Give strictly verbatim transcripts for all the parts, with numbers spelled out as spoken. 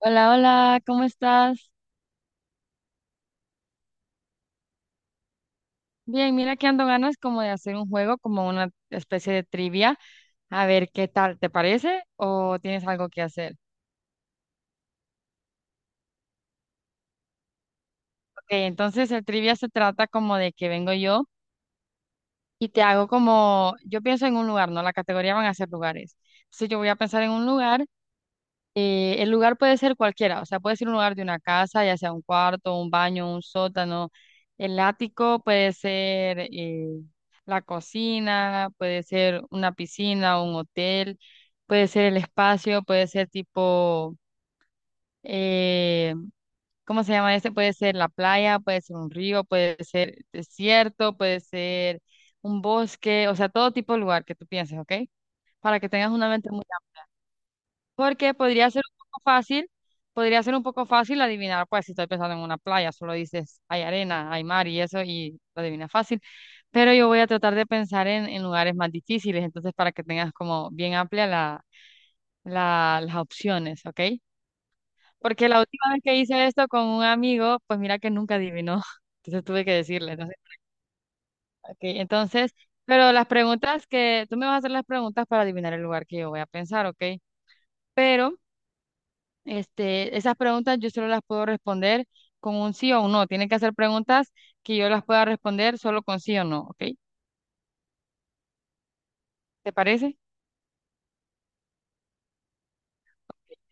Hola, hola, ¿cómo estás? Bien, mira que ando ganas como de hacer un juego, como una especie de trivia. A ver qué tal, ¿te parece? ¿O tienes algo que hacer? Ok, entonces el trivia se trata como de que vengo yo y te hago como, yo pienso en un lugar, ¿no? La categoría van a ser lugares. Entonces yo voy a pensar en un lugar. Eh, el lugar puede ser cualquiera, o sea, puede ser un lugar de una casa, ya sea un cuarto, un baño, un sótano. El ático puede ser, eh, la cocina, puede ser una piscina, un hotel, puede ser el espacio, puede ser tipo, eh, ¿cómo se llama este? Puede ser la playa, puede ser un río, puede ser desierto, puede ser un bosque, o sea, todo tipo de lugar que tú pienses, ¿ok? Para que tengas una mente muy porque podría ser un poco fácil, podría ser un poco fácil adivinar, pues si estoy pensando en una playa, solo dices hay arena, hay mar y eso y lo adivinas fácil. Pero yo voy a tratar de pensar en, en lugares más difíciles, entonces para que tengas como bien amplia la, la- las opciones, ¿ok? Porque la última vez que hice esto con un amigo, pues mira que nunca adivinó, entonces tuve que decirle, entonces, ok, entonces, pero las preguntas que, tú me vas a hacer las preguntas para adivinar el lugar que yo voy a pensar, ¿ok? Pero... Este, esas preguntas yo solo las puedo responder con un sí o un no. Tienen que hacer preguntas que yo las pueda responder solo con sí o no, ¿ok? ¿Te parece?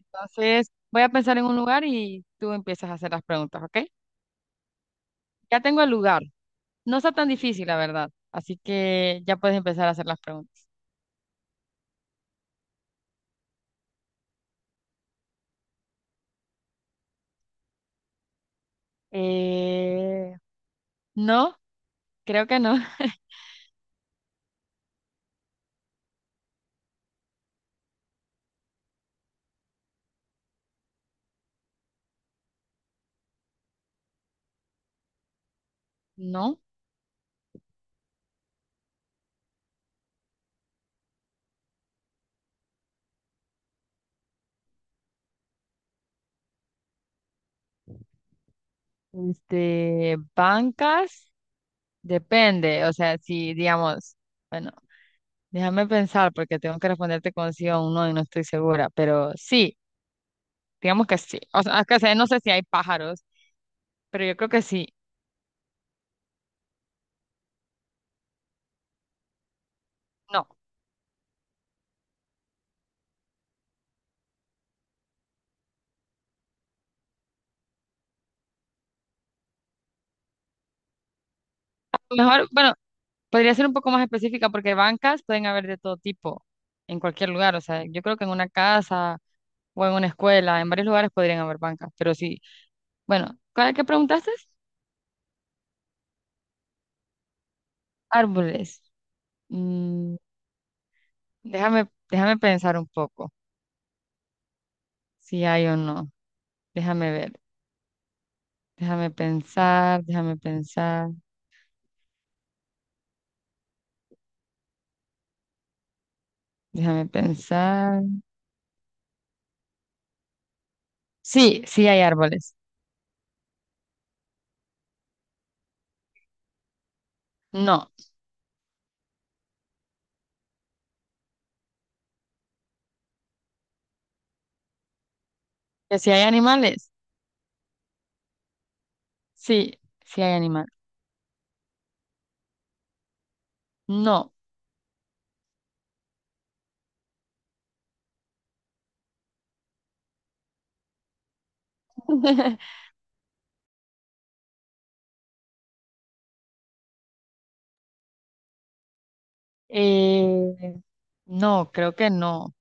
Entonces, voy a pensar en un lugar y tú empiezas a hacer las preguntas, ¿ok? Ya tengo el lugar. No está tan difícil, la verdad. Así que ya puedes empezar a hacer las preguntas. Eh, no, creo que no. No. Este, bancas, depende. O sea, si digamos, bueno. Déjame pensar porque tengo que responderte con sí o un no y no estoy segura, pero sí, digamos que sí. O sea, que sé, no sé si hay pájaros, pero yo creo que sí. No. Mejor, bueno, podría ser un poco más específica porque bancas pueden haber de todo tipo en cualquier lugar. O sea, yo creo que en una casa o en una escuela, en varios lugares podrían haber bancas, pero sí. Bueno, ¿cuál que preguntaste? Árboles. Mm, déjame, déjame pensar un poco si hay o no. Déjame ver. Déjame pensar, déjame pensar. Déjame pensar. Sí, sí hay árboles. No. ¿Que si hay animales? Sí, sí hay animales. No. Eh, no, creo que no.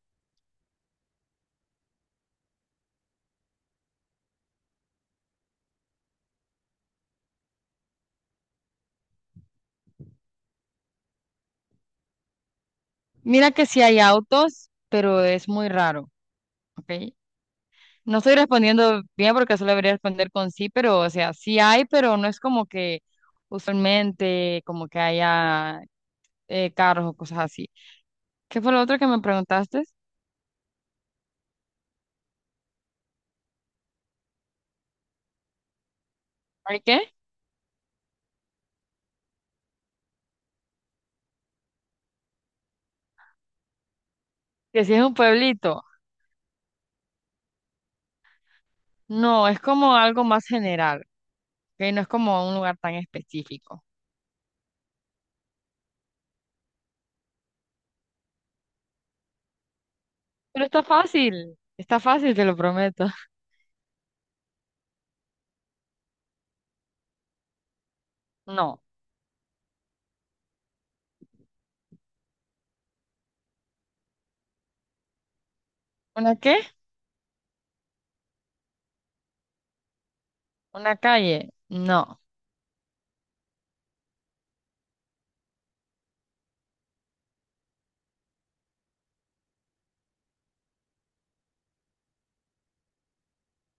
Mira que sí hay autos, pero es muy raro, ¿ok? No estoy respondiendo bien porque solo debería responder con sí, pero o sea, sí hay, pero no es como que usualmente como que haya eh, carros o cosas así. ¿Qué fue lo otro que me preguntaste? ¿Hay qué? Que si es un pueblito. No, es como algo más general, que no es como un lugar tan específico. Pero está fácil, está fácil, te lo prometo. No. ¿Una qué? ¿Una calle? No.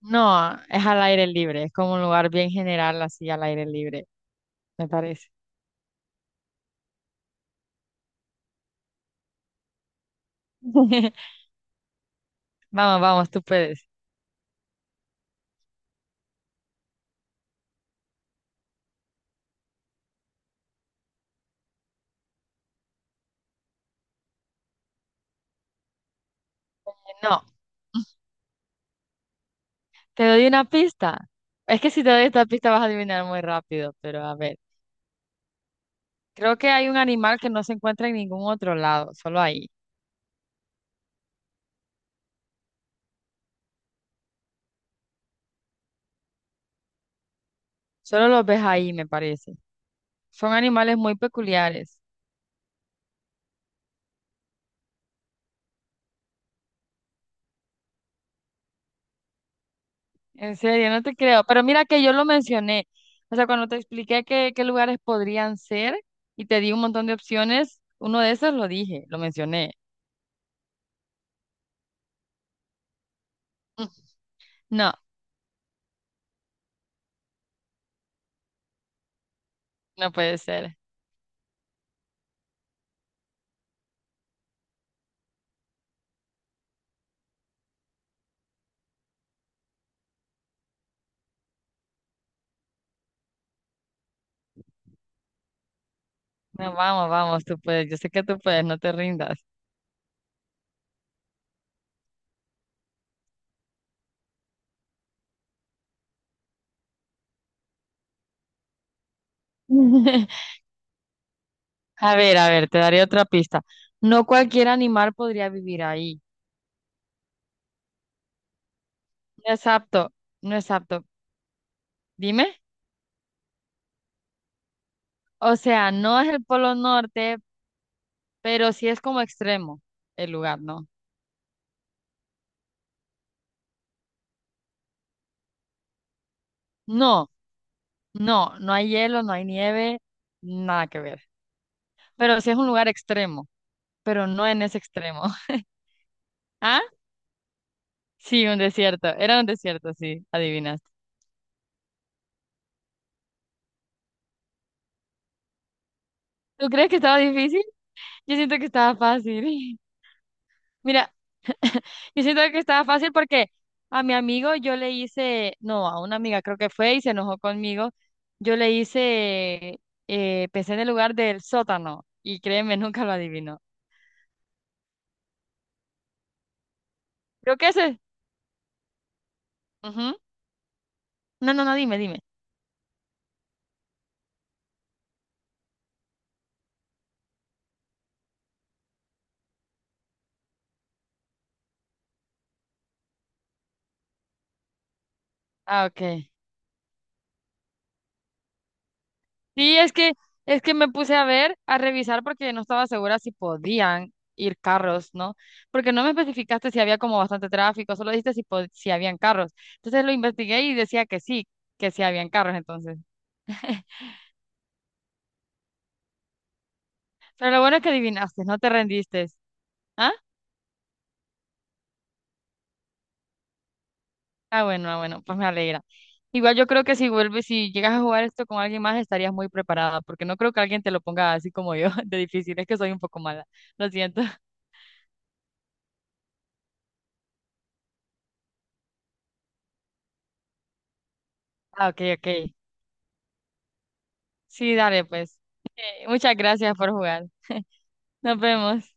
No, es al aire libre, es como un lugar bien general, así al aire libre, me parece. Vamos, vamos, tú puedes. No, te doy una pista. Es que si te doy esta pista vas a adivinar muy rápido, pero a ver. Creo que hay un animal que no se encuentra en ningún otro lado, solo ahí. Solo los ves ahí, me parece. Son animales muy peculiares. En serio, no te creo. Pero mira que yo lo mencioné. O sea, cuando te expliqué qué, qué lugares podrían ser y te di un montón de opciones, uno de esos lo dije, lo mencioné. Mm, No, no puede ser. No, vamos, vamos, tú puedes. Yo sé que tú puedes, no te rindas. A ver, a ver, te daré otra pista. No cualquier animal podría vivir ahí. No es apto, no es apto. Dime. O sea, no es el Polo Norte, pero sí es como extremo el lugar, ¿no? No. No, no hay hielo, no hay nieve, nada que ver. Pero sí es un lugar extremo, pero no en ese extremo. ¿Ah? Sí, un desierto. Era un desierto, sí, adivinaste. ¿Tú crees que estaba difícil? Yo siento que estaba fácil. Mira, yo siento que estaba fácil porque a mi amigo yo le hice, no, a una amiga creo que fue y se enojó conmigo. Yo le hice, eh, pensé en el lugar del sótano y créeme, nunca lo adivinó. Creo que ese. Ujú. No, no, no, dime, dime. Ah, ok. Sí, es que, es que me puse a ver, a revisar porque no estaba segura si podían ir carros, ¿no? Porque no me especificaste si había como bastante tráfico, solo dijiste si, pod- si habían carros. Entonces lo investigué y decía que sí, que sí habían carros entonces. Pero lo bueno es que adivinaste, no te rendiste. ¿Ah? Ah, bueno, ah, bueno, pues me alegra. Igual yo creo que si vuelves, si llegas a jugar esto con alguien más, estarías muy preparada, porque no creo que alguien te lo ponga así como yo, de difícil. Es que soy un poco mala. Lo siento. Ah, ok, ok. Sí, dale, pues. Muchas gracias por jugar. Nos vemos.